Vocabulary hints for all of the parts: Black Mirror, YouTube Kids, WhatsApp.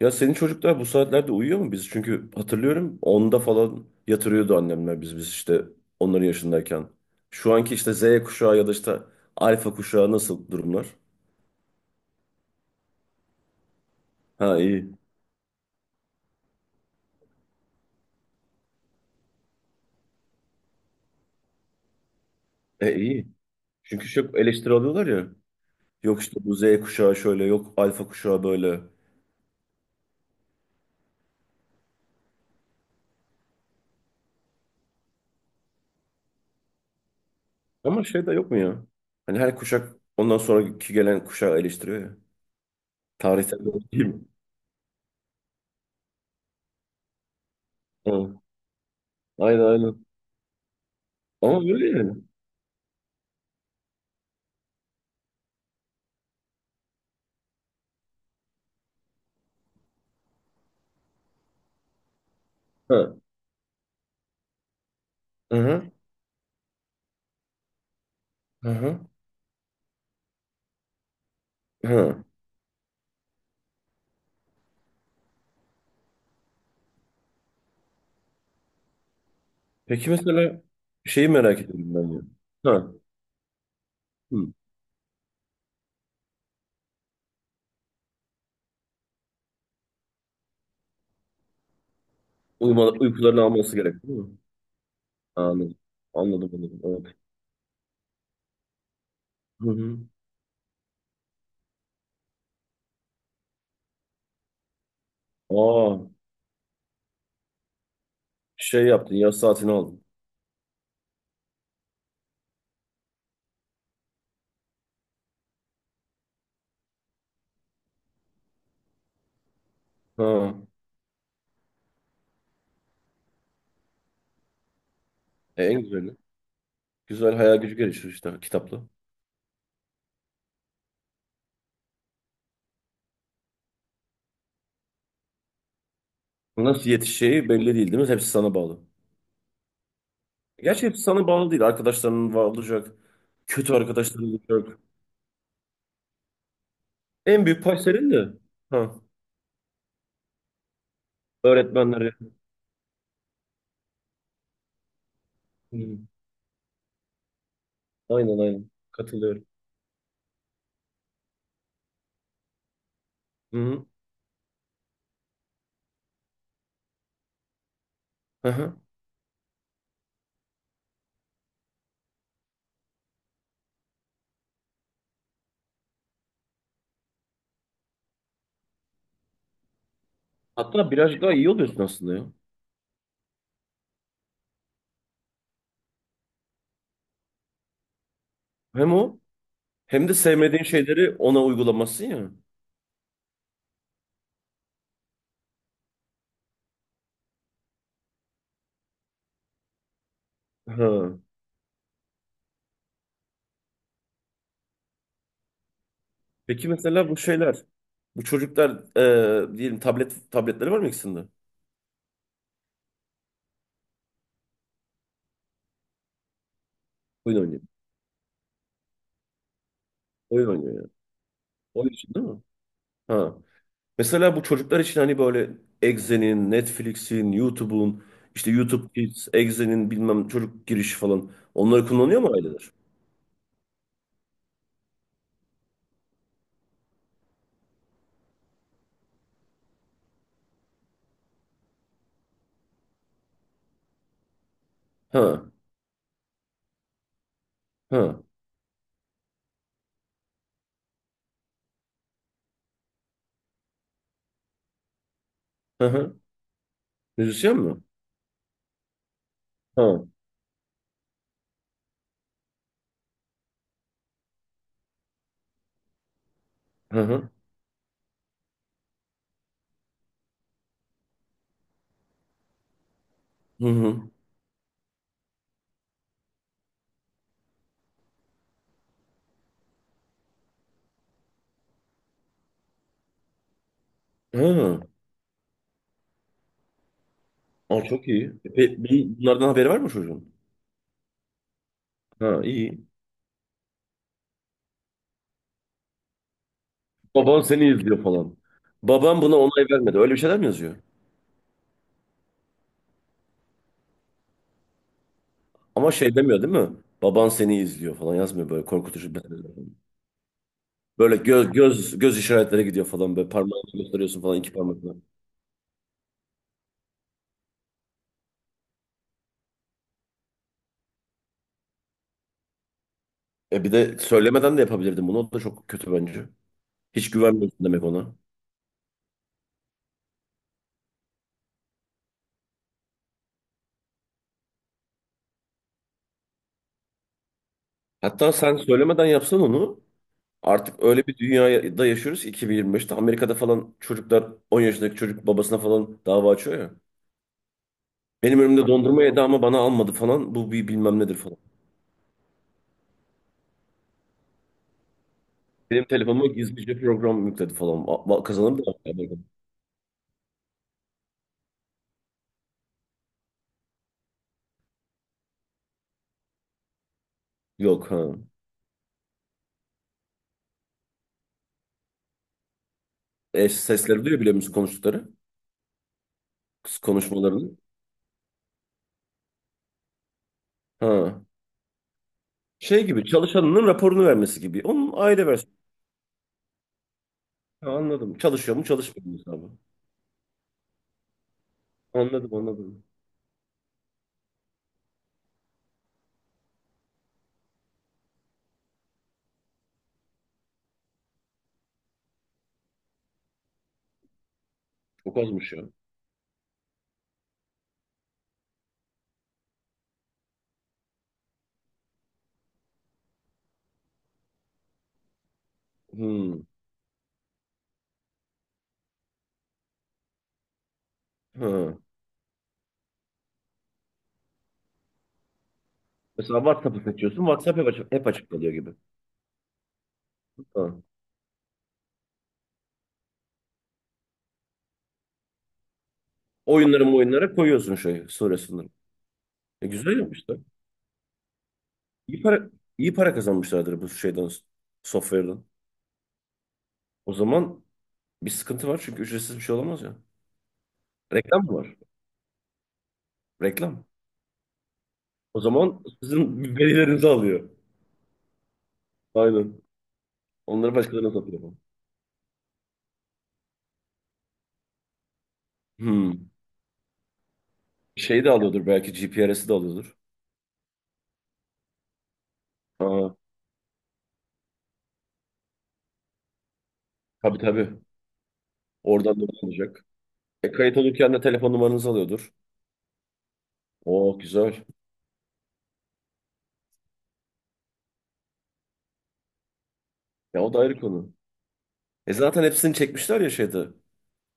Ya senin çocuklar bu saatlerde uyuyor mu? Çünkü hatırlıyorum onda falan yatırıyordu annemler biz işte onların yaşındayken. Şu anki işte Z kuşağı ya da işte alfa kuşağı nasıl durumlar? Ha, iyi. E, iyi. Çünkü çok eleştiri alıyorlar ya. Yok işte bu Z kuşağı şöyle, yok alfa kuşağı böyle. Ama şey de yok mu ya? Hani her kuşak ondan sonraki gelen kuşağı eleştiriyor ya. Tarihsel bir olgu değil mi? Ha. Aynen, aynen. Ama öyle yani. Ha. Hı hı. Hı hı. Hı. Peki mesela şeyi merak ediyorum ben ya. Ha, hı. Uyuma, uykularını alması gerek değil mi? Anladım. Anladım, anladım. Evet. Hı hı. Aa, şey yaptın, yaz saatini aldın. Ha, en güzeli. Güzel, hayal gücü gelişir işte kitapla. Nasıl yetişeceği belli değil, değil mi? Hepsi sana bağlı. Gerçi hepsi sana bağlı değil. Arkadaşların var, olacak. Kötü arkadaşların olacak. En büyük pay senin de. Ha, öğretmenleri. Hı. Aynen, aynen. Katılıyorum. Hı hı. Hı hı. Hatta birazcık daha iyi oluyorsun aslında ya. Hem o hem de sevmediğin şeyleri ona uygulamasın ya. Ha. Peki mesela bu şeyler, bu çocuklar, diyelim tabletleri var mı ikisinde? Oyun oynuyor. Oyun oynuyor ya. Oyun için değil mi? Ha. Mesela bu çocuklar için hani böyle Exe'nin, Netflix'in, YouTube'un, işte YouTube Kids, Exe'nin bilmem çocuk girişi falan. Onları kullanıyor mu aileler? Ha. Ha. Hı hı. Müzisyen mi? Ha. Hı hı. Hı hı. Ha. Aa, çok iyi. E, bunlardan haberi var mı çocuğun? Ha, iyi. Baban seni izliyor falan. Baban buna onay vermedi. Öyle bir şeyler mi yazıyor? Ama şey demiyor değil mi? Baban seni izliyor falan yazmıyor böyle korkutucu. Böyle göz göz göz işaretleri gidiyor falan, böyle parmağını gösteriyorsun falan iki parmakla. E, bir de söylemeden de yapabilirdin bunu. O da çok kötü bence. Hiç güvenmiyorsun demek ona. Hatta sen söylemeden yapsan onu, artık öyle bir dünyada yaşıyoruz ki 2025'te Amerika'da falan çocuklar 10 yaşındaki çocuk babasına falan dava açıyor ya. Benim önümde dondurma yedi ama bana almadı falan. Bu bir bilmem nedir falan. Benim telefonuma gizlice program yükledi falan. Kazanır da. Yok ha. E, sesleri duyuyor, biliyor musun, konuştukları? Kız konuşmalarını. Ha. Şey gibi, çalışanının raporunu vermesi gibi. Onun aile versiyonu. Ha, anladım. Çalışıyor mu çalışmıyor mu hesabı. Anladım, anladım. Çok azmış ya. Hmm. Ha. Mesela WhatsApp'ı seçiyorsun. WhatsApp hep açık, hep açık kalıyor gibi. Ha. Oyunları, oyunlara koyuyorsun şey sonrasında. E, güzel yapmışlar. İyi para, iyi para kazanmışlardır bu şeyden, software'dan. O zaman bir sıkıntı var, çünkü ücretsiz bir şey olamaz ya. Reklam mı var? Reklam. O zaman sizin verilerinizi alıyor. Aynen. Onları başkalarına satıyor bu. Hmm. Şey de alıyordur, belki GPRS'i de alıyordur. Ha, tabii, tabii. Oradan da alacak. E, kayıt olurken de telefon numaranızı alıyordur. Oo, güzel. Ya, o da ayrı konu. E, zaten hepsini çekmişler ya şeyde.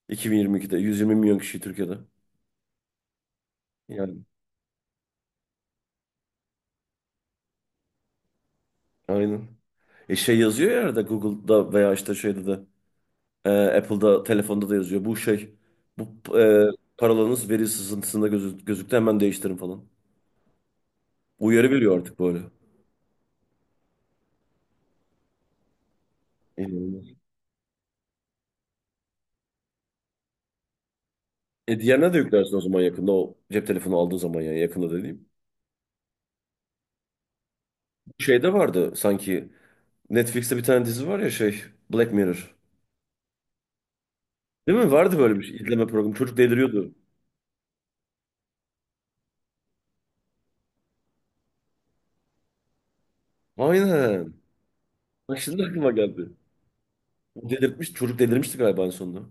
2022'de 120 milyon kişi Türkiye'de. Yani aynen. E, şey yazıyor ya arada Google'da veya işte şeyde de Apple'da, telefonda da yazıyor. Bu şey bu e, Paralarınız veri sızıntısında gözüktü, hemen değiştirin falan. Uyarı veriyor artık böyle. İnanılmaz. E, diğerine de yüklersin o zaman, yakında, o cep telefonu aldığı zaman, yani yakında dediğim. Şeyde vardı sanki, Netflix'te bir tane dizi var ya şey, Black Mirror. Değil mi? Vardı böyle bir şey, izleme programı. Çocuk deliriyordu. Aynen. Bak, şimdi aklıma geldi. O delirtmiş, çocuk delirmişti galiba en sonunda.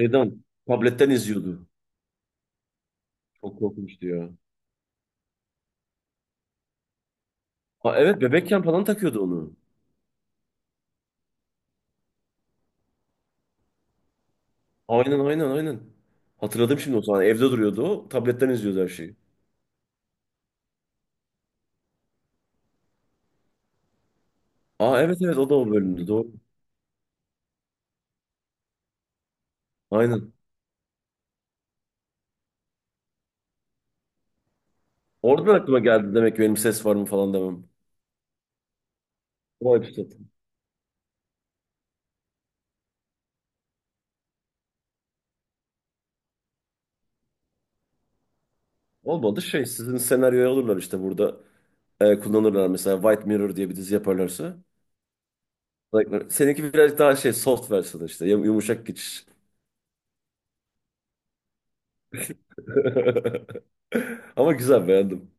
Şeyden, tabletten izliyordu. Çok korkmuştu ya. Ha, evet, bebekken falan takıyordu onu. Aynen, aynen, aynen. Hatırladım şimdi o sahneyi. Evde duruyordu o. Tabletten izliyordu her şeyi. Aa, evet evet, o da o bölümdü, doğru. Aynen. Oradan aklıma geldi demek ki benim ses var mı falan demem. Vay be zaten. Olmadı, şey, sizin senaryoya alırlar işte burada. Kullanırlar mesela, White Mirror diye bir dizi yaparlarsa. Like, seninki birazcık daha şey, soft versiyonu işte, yumuşak geçiş. Ama güzel, beğendim.